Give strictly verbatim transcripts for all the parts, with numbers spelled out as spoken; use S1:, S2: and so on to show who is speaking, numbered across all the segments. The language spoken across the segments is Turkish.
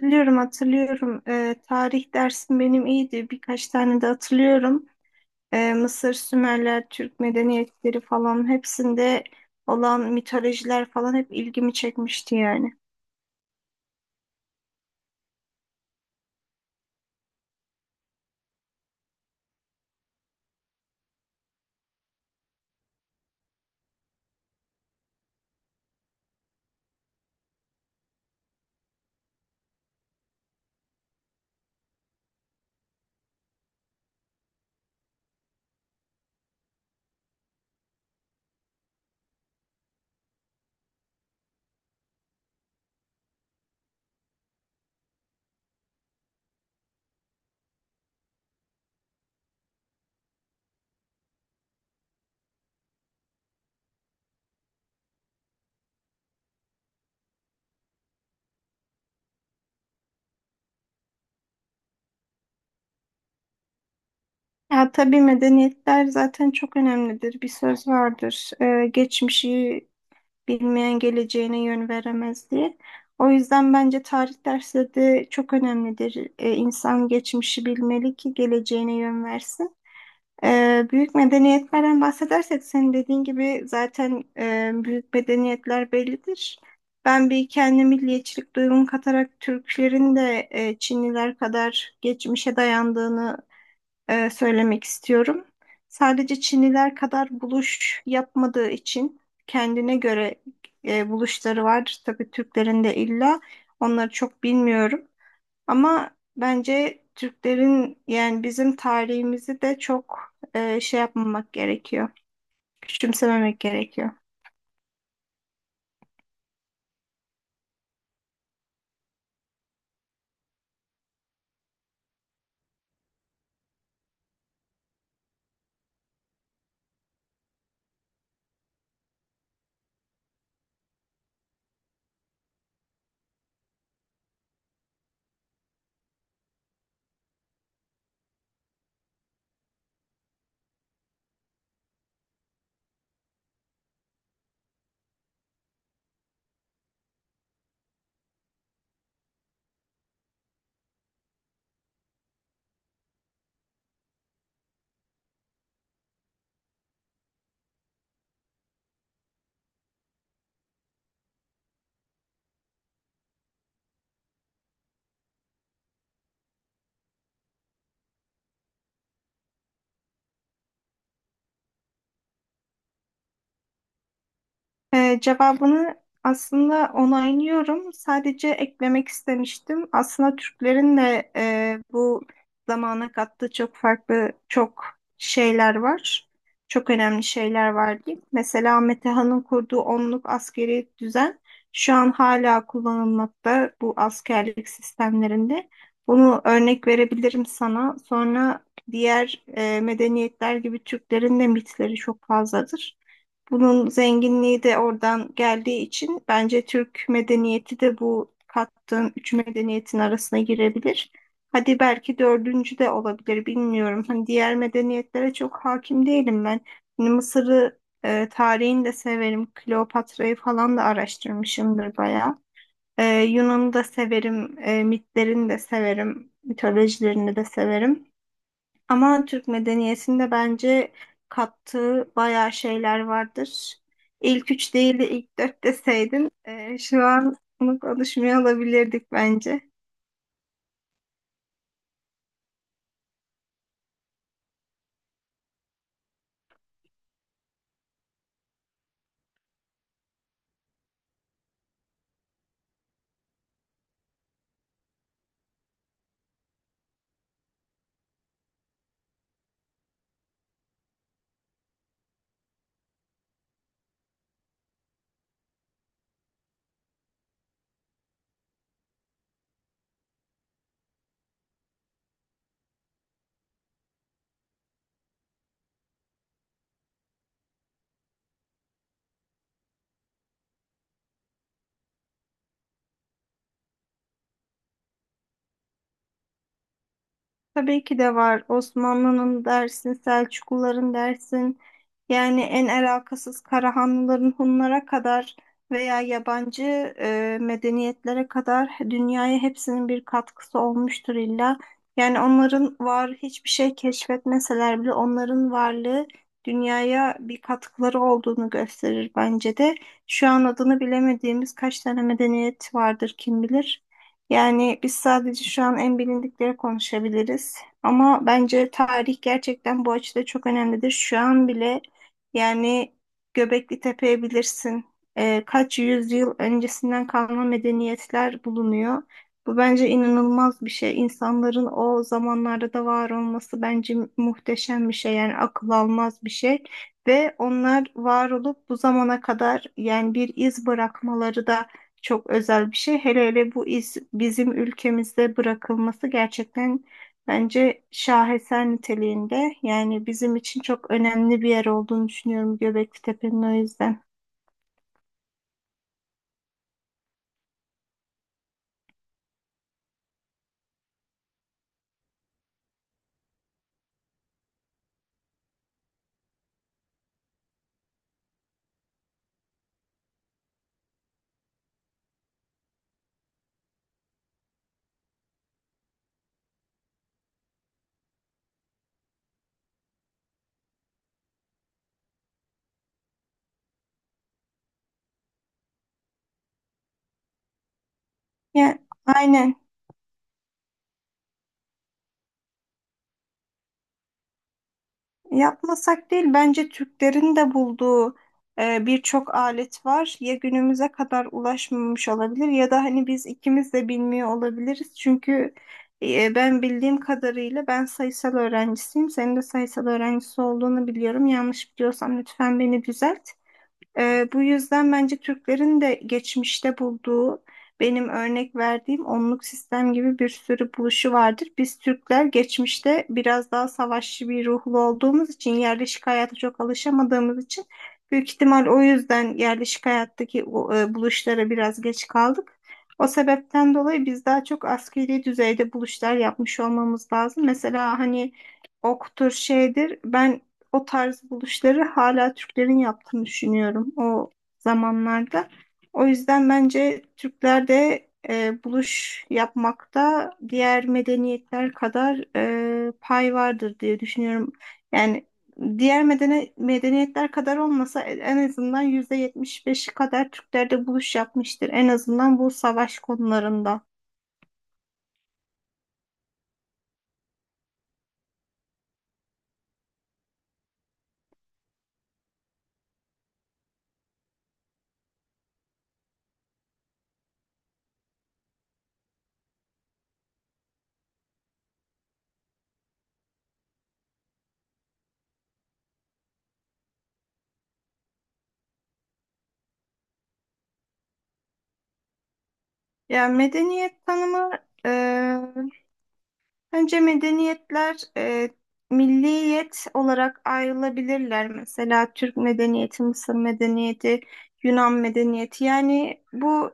S1: Hatırlıyorum, hatırlıyorum. Ee, tarih dersim benim iyiydi. Birkaç tane de hatırlıyorum. Ee, Mısır, Sümerler, Türk medeniyetleri falan hepsinde olan mitolojiler falan hep ilgimi çekmişti yani. Ya tabii medeniyetler zaten çok önemlidir. Bir söz vardır. Ee, geçmişi bilmeyen geleceğine yön veremez diye. O yüzden bence tarih dersi de çok önemlidir. Ee, insan geçmişi bilmeli ki geleceğine yön versin. Ee, büyük medeniyetlerden bahsedersek senin dediğin gibi zaten e, büyük medeniyetler bellidir. Ben bir kendi milliyetçilik duygumu katarak Türklerin de e, Çinliler kadar geçmişe dayandığını e, söylemek istiyorum. Sadece Çinliler kadar buluş yapmadığı için kendine göre e, buluşları var. Tabii Türklerin de illa onları çok bilmiyorum. Ama bence Türklerin yani bizim tarihimizi de çok e, şey yapmamak gerekiyor. Küçümsememek gerekiyor. Ee, cevabını aslında onaylıyorum. Sadece eklemek istemiştim. Aslında Türklerin de e, bu zamana kattığı çok farklı çok şeyler var. Çok önemli şeyler var diyeyim. Mesela Metehan'ın kurduğu onluk askeri düzen şu an hala kullanılmakta bu askerlik sistemlerinde. Bunu örnek verebilirim sana. Sonra diğer e, medeniyetler gibi Türklerin de mitleri çok fazladır. Bunun zenginliği de oradan geldiği için bence Türk medeniyeti de bu kattığım üç medeniyetin arasına girebilir. Hadi belki dördüncü de olabilir bilmiyorum. Hani diğer medeniyetlere çok hakim değilim ben. Hani Mısır'ı e, tarihini de severim. Kleopatra'yı falan da araştırmışımdır bayağı. E, Yunan'ı da severim. E, mitlerini de severim. Mitolojilerini de severim. Ama Türk medeniyetinde bence kattığı bayağı şeyler vardır. İlk üç değil de ilk dört deseydin e, şu an bunu konuşmuyor olabilirdik bence. Tabii ki de var. Osmanlı'nın dersin, Selçukluların dersin. Yani en alakasız Karahanlıların Hunlara kadar veya yabancı e, medeniyetlere kadar dünyaya hepsinin bir katkısı olmuştur illa. Yani onların var hiçbir şey keşfetmeseler bile onların varlığı dünyaya bir katkıları olduğunu gösterir bence de. Şu an adını bilemediğimiz kaç tane medeniyet vardır kim bilir. Yani biz sadece şu an en bilindikleri konuşabiliriz. Ama bence tarih gerçekten bu açıda çok önemlidir. Şu an bile yani Göbekli Tepe'ye bilirsin. E, kaç yüzyıl öncesinden kalma medeniyetler bulunuyor. Bu bence inanılmaz bir şey. İnsanların o zamanlarda da var olması bence muhteşem bir şey. Yani akıl almaz bir şey. Ve onlar var olup bu zamana kadar yani bir iz bırakmaları da çok özel bir şey. Hele hele bu iz bizim ülkemizde bırakılması gerçekten bence şaheser niteliğinde. Yani bizim için çok önemli bir yer olduğunu düşünüyorum Göbekli Tepe'nin o yüzden. Yani aynen. Yapmasak değil, bence Türklerin de bulduğu e, birçok alet var. Ya günümüze kadar ulaşmamış olabilir ya da hani biz ikimiz de bilmiyor olabiliriz. Çünkü e, ben bildiğim kadarıyla ben sayısal öğrencisiyim. Senin de sayısal öğrencisi olduğunu biliyorum. Yanlış biliyorsam lütfen beni düzelt. Ee, bu yüzden bence Türklerin de geçmişte bulduğu benim örnek verdiğim onluk sistem gibi bir sürü buluşu vardır. Biz Türkler geçmişte biraz daha savaşçı bir ruhlu olduğumuz için yerleşik hayata çok alışamadığımız için büyük ihtimal o yüzden yerleşik hayattaki o, e, buluşlara biraz geç kaldık. O sebepten dolayı biz daha çok askeri düzeyde buluşlar yapmış olmamız lazım. Mesela hani oktur şeydir. Ben o tarz buluşları hala Türklerin yaptığını düşünüyorum o zamanlarda. O yüzden bence Türkler de e, buluş yapmakta diğer medeniyetler kadar e, pay vardır diye düşünüyorum. Yani diğer medeni medeniyetler kadar olmasa e, en azından yüzde yetmiş beşi kadar Türkler de buluş yapmıştır. En azından bu savaş konularında. Yani medeniyet tanımı e, bence medeniyetler e, milliyet olarak ayrılabilirler. Mesela Türk medeniyeti, Mısır medeniyeti, Yunan medeniyeti. Yani bu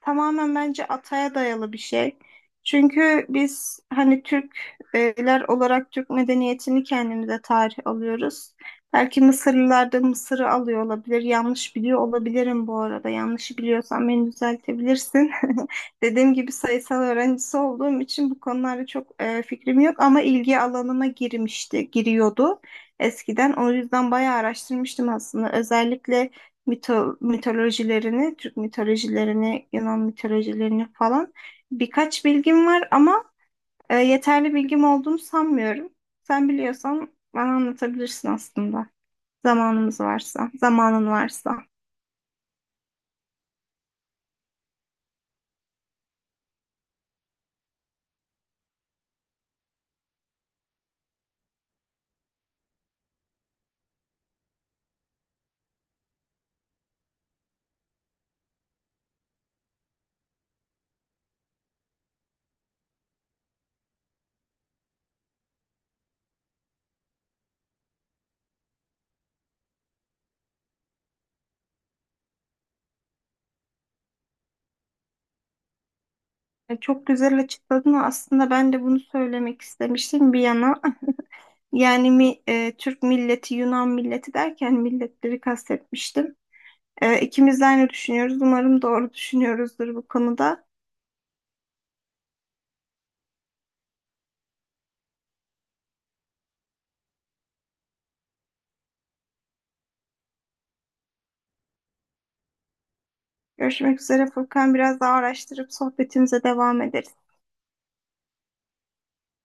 S1: tamamen bence ataya dayalı bir şey. Çünkü biz hani Türkler olarak Türk medeniyetini kendimize tarih alıyoruz. Belki Mısırlılar da Mısır'ı alıyor olabilir. Yanlış biliyor olabilirim bu arada. Yanlışı biliyorsam beni düzeltebilirsin. Dediğim gibi sayısal öğrencisi olduğum için bu konularda çok e, fikrim yok ama ilgi alanıma girmişti, giriyordu eskiden. O yüzden bayağı araştırmıştım aslında. Özellikle mito mitolojilerini, Türk mitolojilerini, Yunan mitolojilerini falan birkaç bilgim var ama e, yeterli bilgim olduğunu sanmıyorum. Sen biliyorsan bana anlatabilirsin aslında. Zamanımız varsa, zamanın varsa. E, Çok güzel açıkladın aslında ben de bunu söylemek istemiştim bir yana. Yani mi, e, Türk milleti, Yunan milleti derken milletleri kastetmiştim. E, ikimiz de aynı düşünüyoruz. Umarım doğru düşünüyoruzdur bu konuda. Görüşmek üzere Furkan. Biraz daha araştırıp sohbetimize devam ederiz.